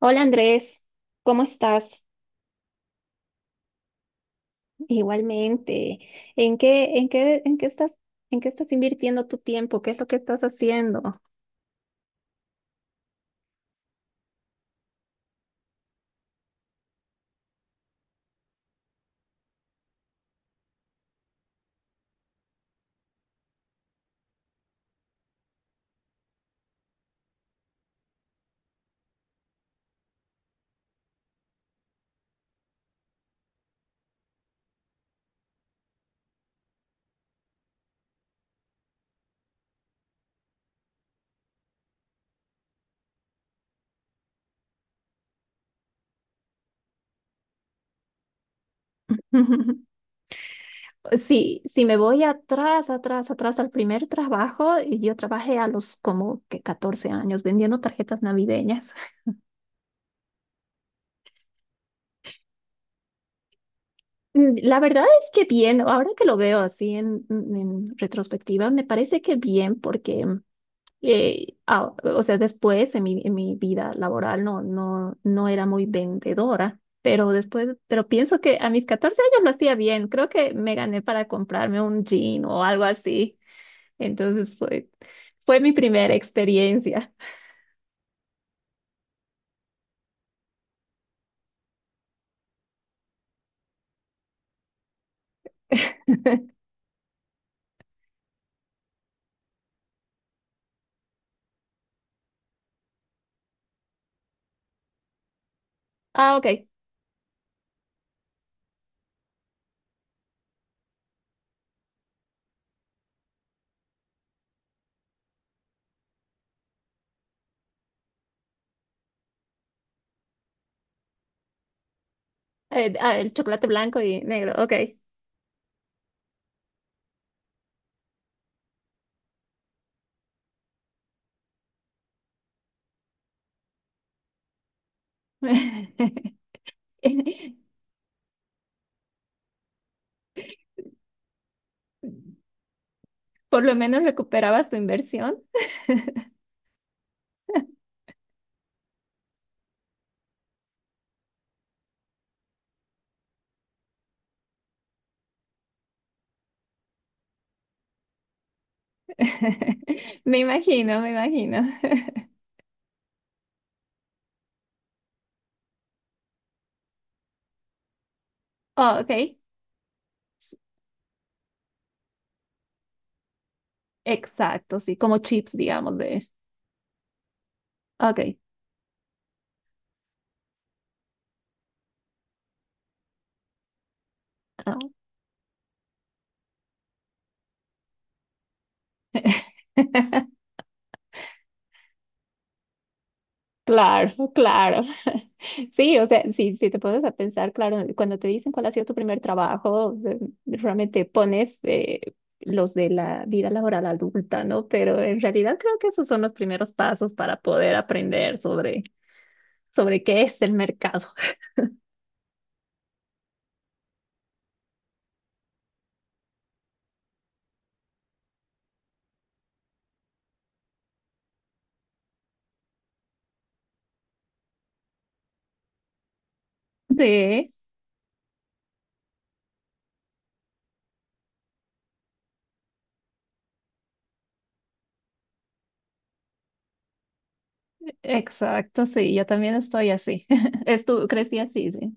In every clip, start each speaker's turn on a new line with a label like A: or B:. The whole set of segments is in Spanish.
A: Hola Andrés, ¿cómo estás? Igualmente, ¿en qué estás, en qué estás invirtiendo tu tiempo? ¿Qué es lo que estás haciendo? Sí, si me voy atrás al primer trabajo, y yo trabajé a los como que 14 años vendiendo tarjetas navideñas. Mm, la verdad es que bien. Ahora que lo veo así en retrospectiva, me parece que bien porque o sea, después en mi vida laboral no, no, no era muy vendedora, pero después, pero pienso que a mis 14 años lo hacía bien. Creo que me gané para comprarme un jean o algo así. Entonces fue, fue mi primera experiencia. Ah, ok. El chocolate blanco y negro, ok. Por lo menos recuperabas tu inversión. Me imagino, me imagino. Ah, ok. Exacto, sí, como chips, digamos. Ok. Ah. Claro, claro. Sí, o sea, si, si te pones a pensar, claro, cuando te dicen cuál ha sido tu primer trabajo, realmente pones los de la vida laboral adulta, ¿no? Pero en realidad creo que esos son los primeros pasos para poder aprender sobre, sobre qué es el mercado. Sí, exacto, sí, yo también estoy así. Estu crecí así, sí.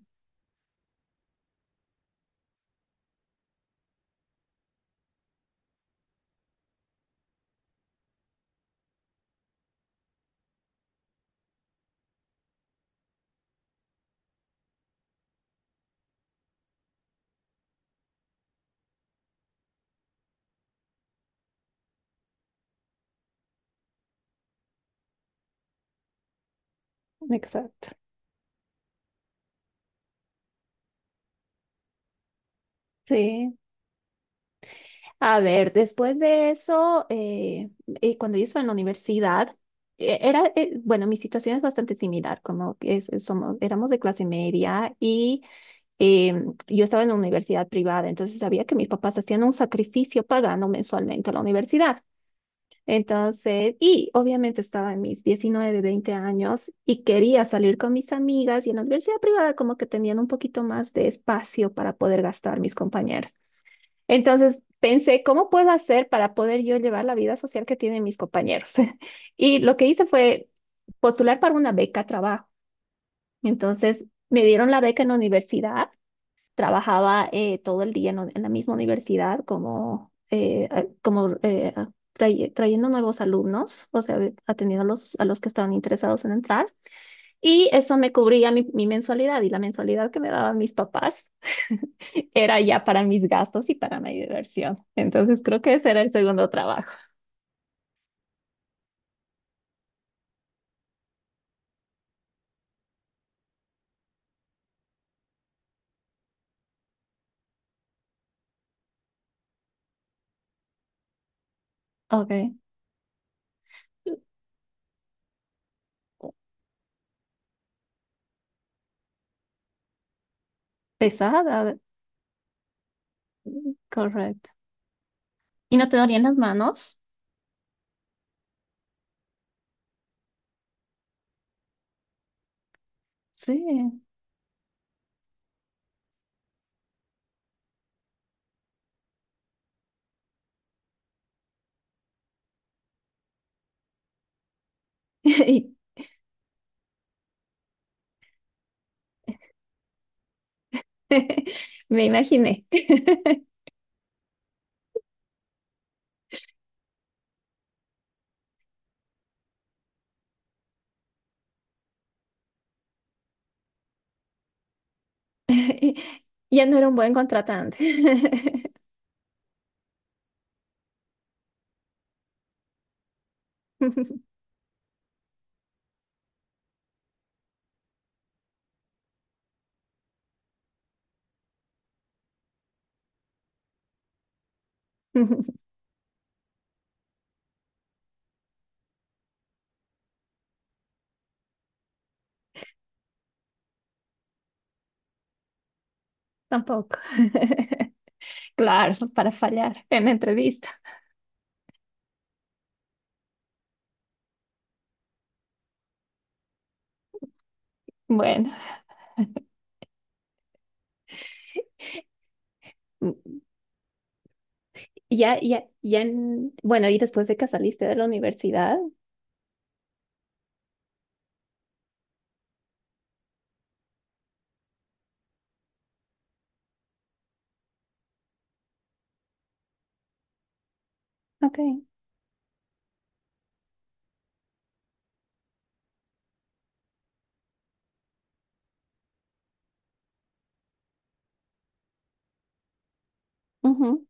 A: Exacto. Sí. A ver, después de eso, cuando yo estaba en la universidad, era, bueno, mi situación es bastante similar, como que es- somos, éramos de clase media y eh, yo estaba en una universidad privada, entonces sabía que mis papás hacían un sacrificio pagando mensualmente a la universidad. Entonces, y obviamente estaba en mis 19, 20 años y quería salir con mis amigas, y en la universidad privada como que tenían un poquito más de espacio para poder gastar mis compañeros. Entonces pensé, ¿cómo puedo hacer para poder yo llevar la vida social que tienen mis compañeros? Y lo que hice fue postular para una beca a trabajo. Entonces me dieron la beca en la universidad. Trabajaba todo el día en la misma universidad como, trayendo nuevos alumnos, o sea, atendiendo a los que estaban interesados en entrar. Y eso me cubría mi, mi mensualidad, y la mensualidad que me daban mis papás era ya para mis gastos y para mi diversión. Entonces creo que ese era el segundo trabajo. Ok. Pesada, correcto. ¿Y no te dolían las manos? Sí. Me imaginé. Ya no era un buen contratante. Tampoco. Claro, para fallar en la entrevista. Bueno, mm, ya, ya, ya, bueno, ¿y después de que saliste de la universidad? Ok. Ujú.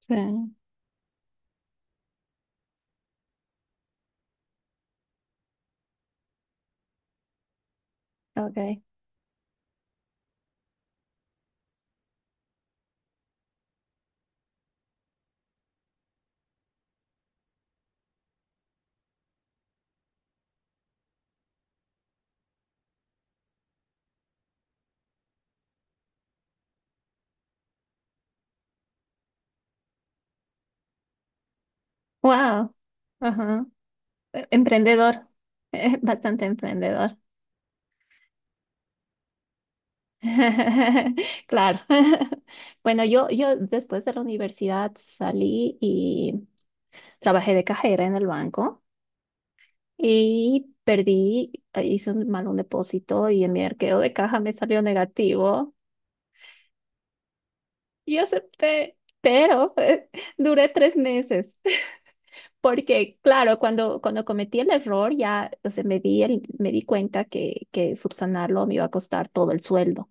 A: Sí. Okay. Wow. Ajá. Emprendedor. Bastante emprendedor. Claro. Bueno, yo después de la universidad salí y trabajé de cajera en el banco, y perdí, hice un mal un depósito y en mi arqueo de caja me salió negativo, y acepté, pero duré 3 meses. Porque, claro, cuando, cuando cometí el error, ya, o sea, me di, me di cuenta que subsanarlo me iba a costar todo el sueldo.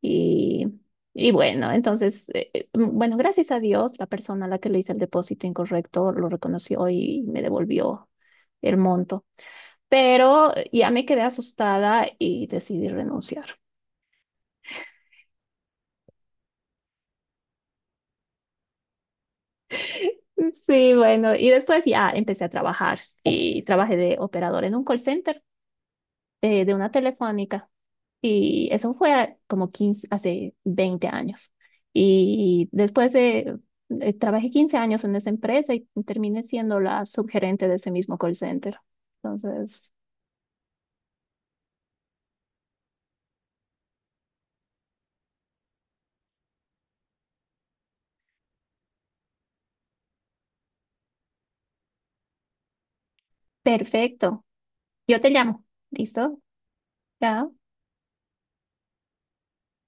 A: Y, y bueno, entonces, bueno, gracias a Dios, la persona a la que le hice el depósito incorrecto lo reconoció y me devolvió el monto. Pero ya me quedé asustada y decidí renunciar. Sí, bueno, y después ya empecé a trabajar y trabajé de operador en un call center, de una telefónica. Y eso fue como 15 hace 20 años. Y después de, trabajé 15 años en esa empresa y terminé siendo la subgerente de ese mismo call center. Entonces, perfecto. Yo te llamo. ¿Listo? Ya